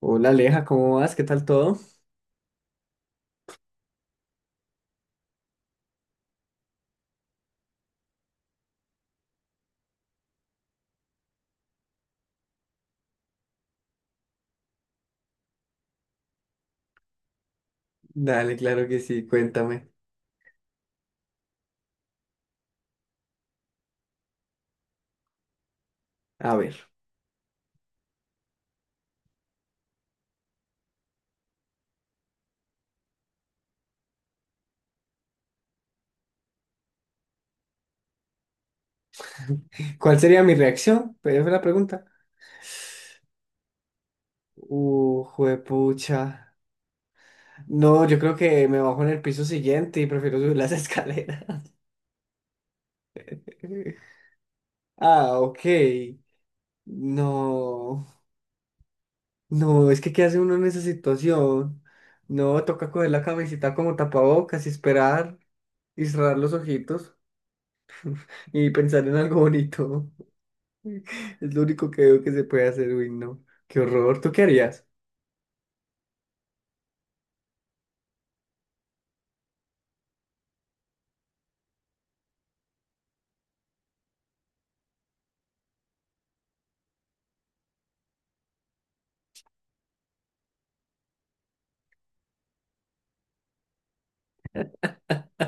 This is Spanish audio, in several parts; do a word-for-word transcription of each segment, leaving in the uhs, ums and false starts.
Hola Aleja, ¿cómo vas? ¿Qué tal todo? Dale, claro que sí, cuéntame. A ver, ¿cuál sería mi reacción? Pero fue la pregunta. Uh, juepucha. No, yo creo que me bajo en el piso siguiente y prefiero subir las escaleras. Ah, ok. No, no, es que ¿qué hace uno en esa situación? No, toca coger la camisita como tapabocas y esperar y cerrar los ojitos y pensar en algo bonito. Es lo único que veo que se puede hacer, uy, no. Qué horror, ¿tú qué harías?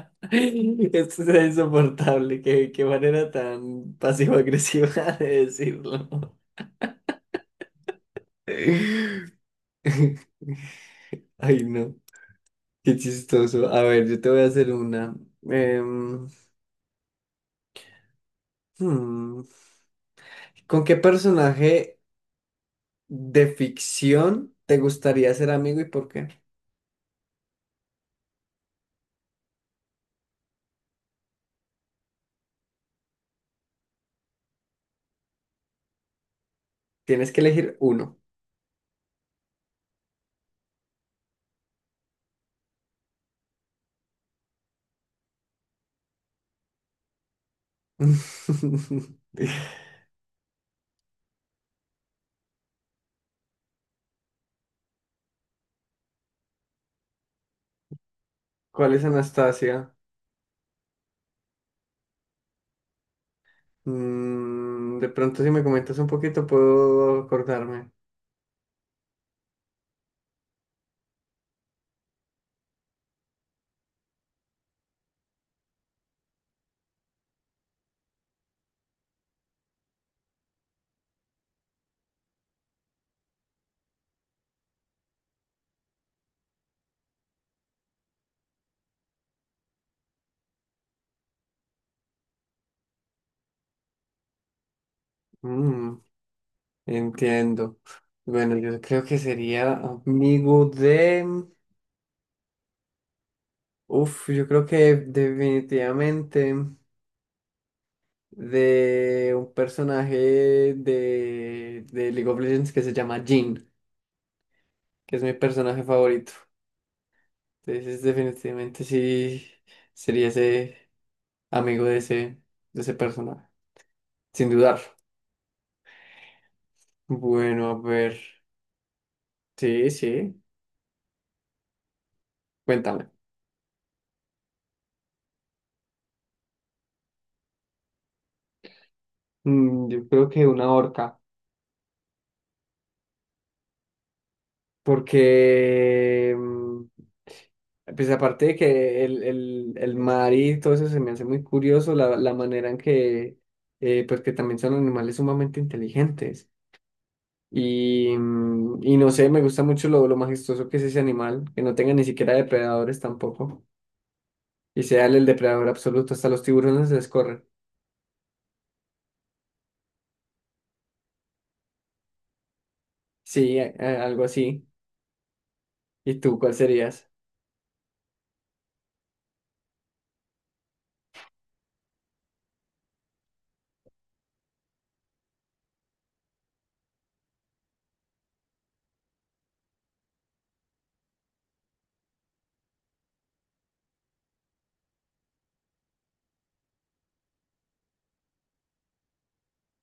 Esto es insoportable. Qué, qué manera tan pasivo-agresiva de decirlo. Ay, no. Qué chistoso. A ver, yo te voy a hacer una. Em, hmm, ¿Con qué personaje de ficción te gustaría ser amigo y por qué? Tienes que elegir uno. ¿Cuál es Anastasia? Mm, de pronto, si me comentas un poquito, puedo acordarme. Mm. Entiendo. Bueno, yo creo que sería amigo de, uf, yo creo que definitivamente de un personaje de, de League of Legends que se llama Jhin, que es mi personaje favorito. Entonces, definitivamente sí sería ese amigo de ese, de ese personaje, sin dudar. Bueno, a ver. Sí, sí. Cuéntame. Mm, yo creo que una orca, porque, mm, pues aparte de que el, el, el mar y todo eso se me hace muy curioso, la, la manera en que, eh, pues que también son animales sumamente inteligentes. Y, mm, y no sé, me gusta mucho lo, lo majestuoso que es ese animal, que no tenga ni siquiera depredadores tampoco, y sea el, el depredador absoluto, hasta los tiburones se les corre. Sí, a- a- algo así. ¿Y tú cuál serías?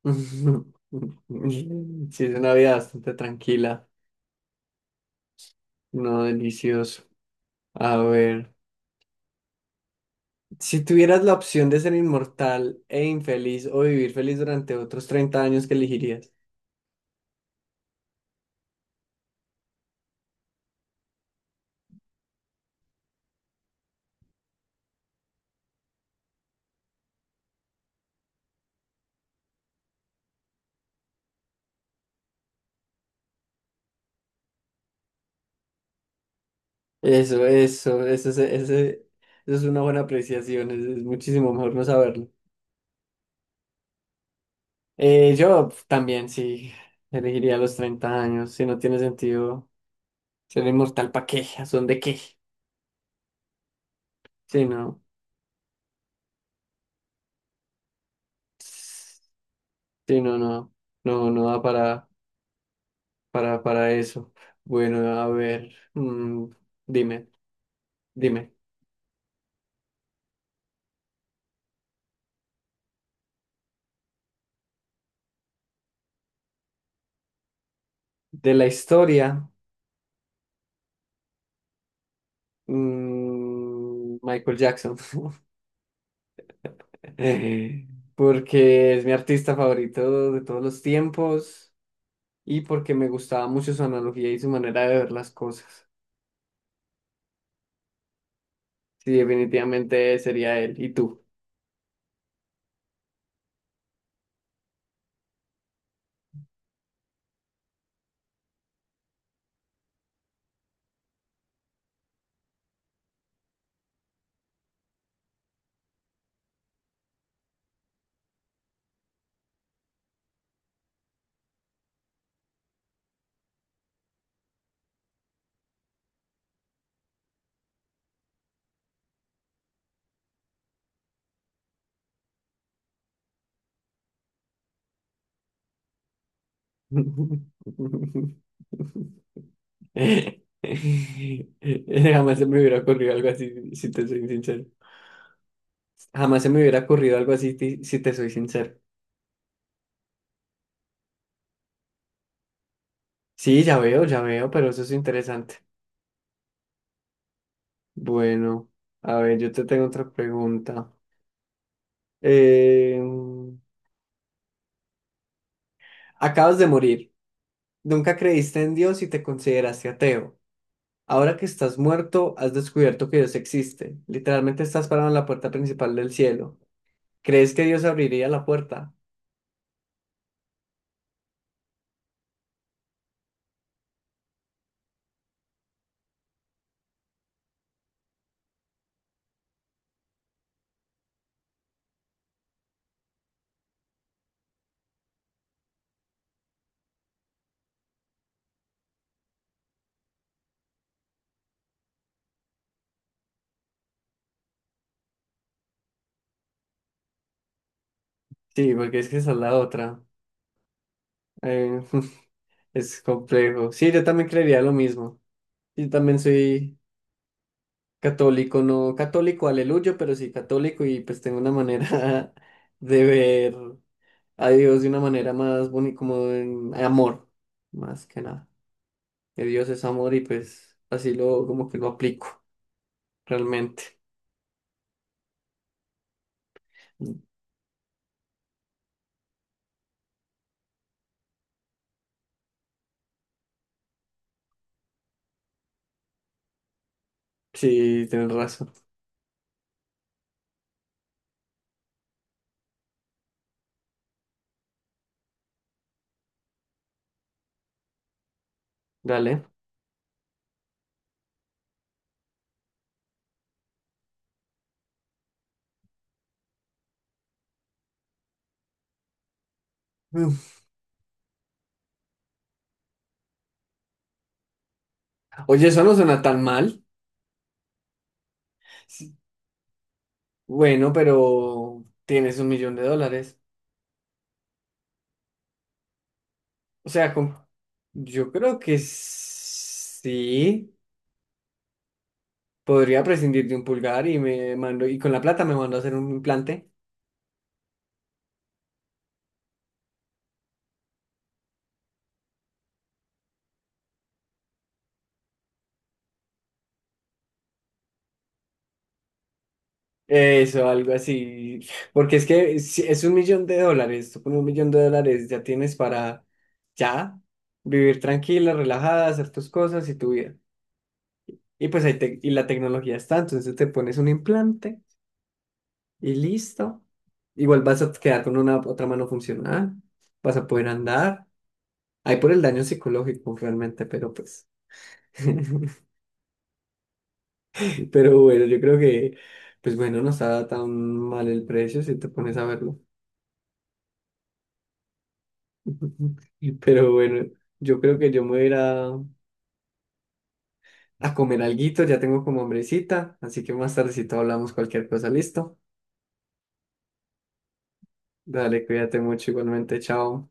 Sí, es una vida bastante tranquila, no delicioso. A ver. Si tuvieras la opción de ser inmortal e infeliz o vivir feliz durante otros treinta años, ¿qué elegirías? Eso, eso, eso, es- ese- eso es una buena apreciación, es, es muchísimo mejor no saberlo. Eh, yo pf, también sí elegiría los treinta años, si no tiene sentido ser inmortal, ¿para qué? ¿A son de qué? Sí, no, sí, no, no, no, no da para, para, para eso. Bueno, a ver, mm, dime, dime, de la historia. Mm, Michael Jackson, porque es mi artista favorito de todos los tiempos y porque me gustaba mucho su analogía y su manera de ver las cosas. Sí, definitivamente sería él. ¿Y tú? Jamás se me hubiera ocurrido algo así, si te soy sincero. Jamás se me hubiera ocurrido algo así, ti- si te soy sincero. Sí, ya veo, ya veo, pero eso es interesante. Bueno, a ver, yo te tengo otra pregunta. Eh, Acabas de morir. Nunca creíste en Dios y te consideraste ateo. Ahora que estás muerto, has descubierto que Dios existe. Literalmente estás parado en la puerta principal del cielo. ¿Crees que Dios abriría la puerta? Sí, porque es que esa es la otra. Eh, es complejo. Sí, yo también creería lo mismo. Yo también soy católico, no católico, aleluya, pero sí católico y pues tengo una manera de ver a Dios de una manera más bonita, como en amor, más que nada. Que Dios es amor y pues así lo como que lo aplico realmente. Sí, tienes razón. Dale. Mm. Oye, eso no suena tan mal. Sí. Bueno, pero tienes un millón de dólares. O sea, con- yo creo que sí. Podría prescindir de un pulgar y me mando, y con la plata me mando a hacer un implante. Eso, algo así. Porque es que si es un millón de dólares, tú con un millón de dólares ya tienes para ya vivir tranquila, relajada, hacer tus cosas y tu vida. Y pues ahí te- y la tecnología está, entonces te pones un implante y listo. Igual vas a quedar con una otra mano funcional, vas a poder andar. Ahí por el daño psicológico realmente, pero pues. Pero bueno, yo creo que, pues bueno, no está tan mal el precio si te pones a verlo. Pero bueno, yo creo que yo me voy a ir a, a comer alguito, ya tengo como hambrecita, así que más tardecito hablamos cualquier cosa, ¿listo? Dale, cuídate mucho igualmente, chao.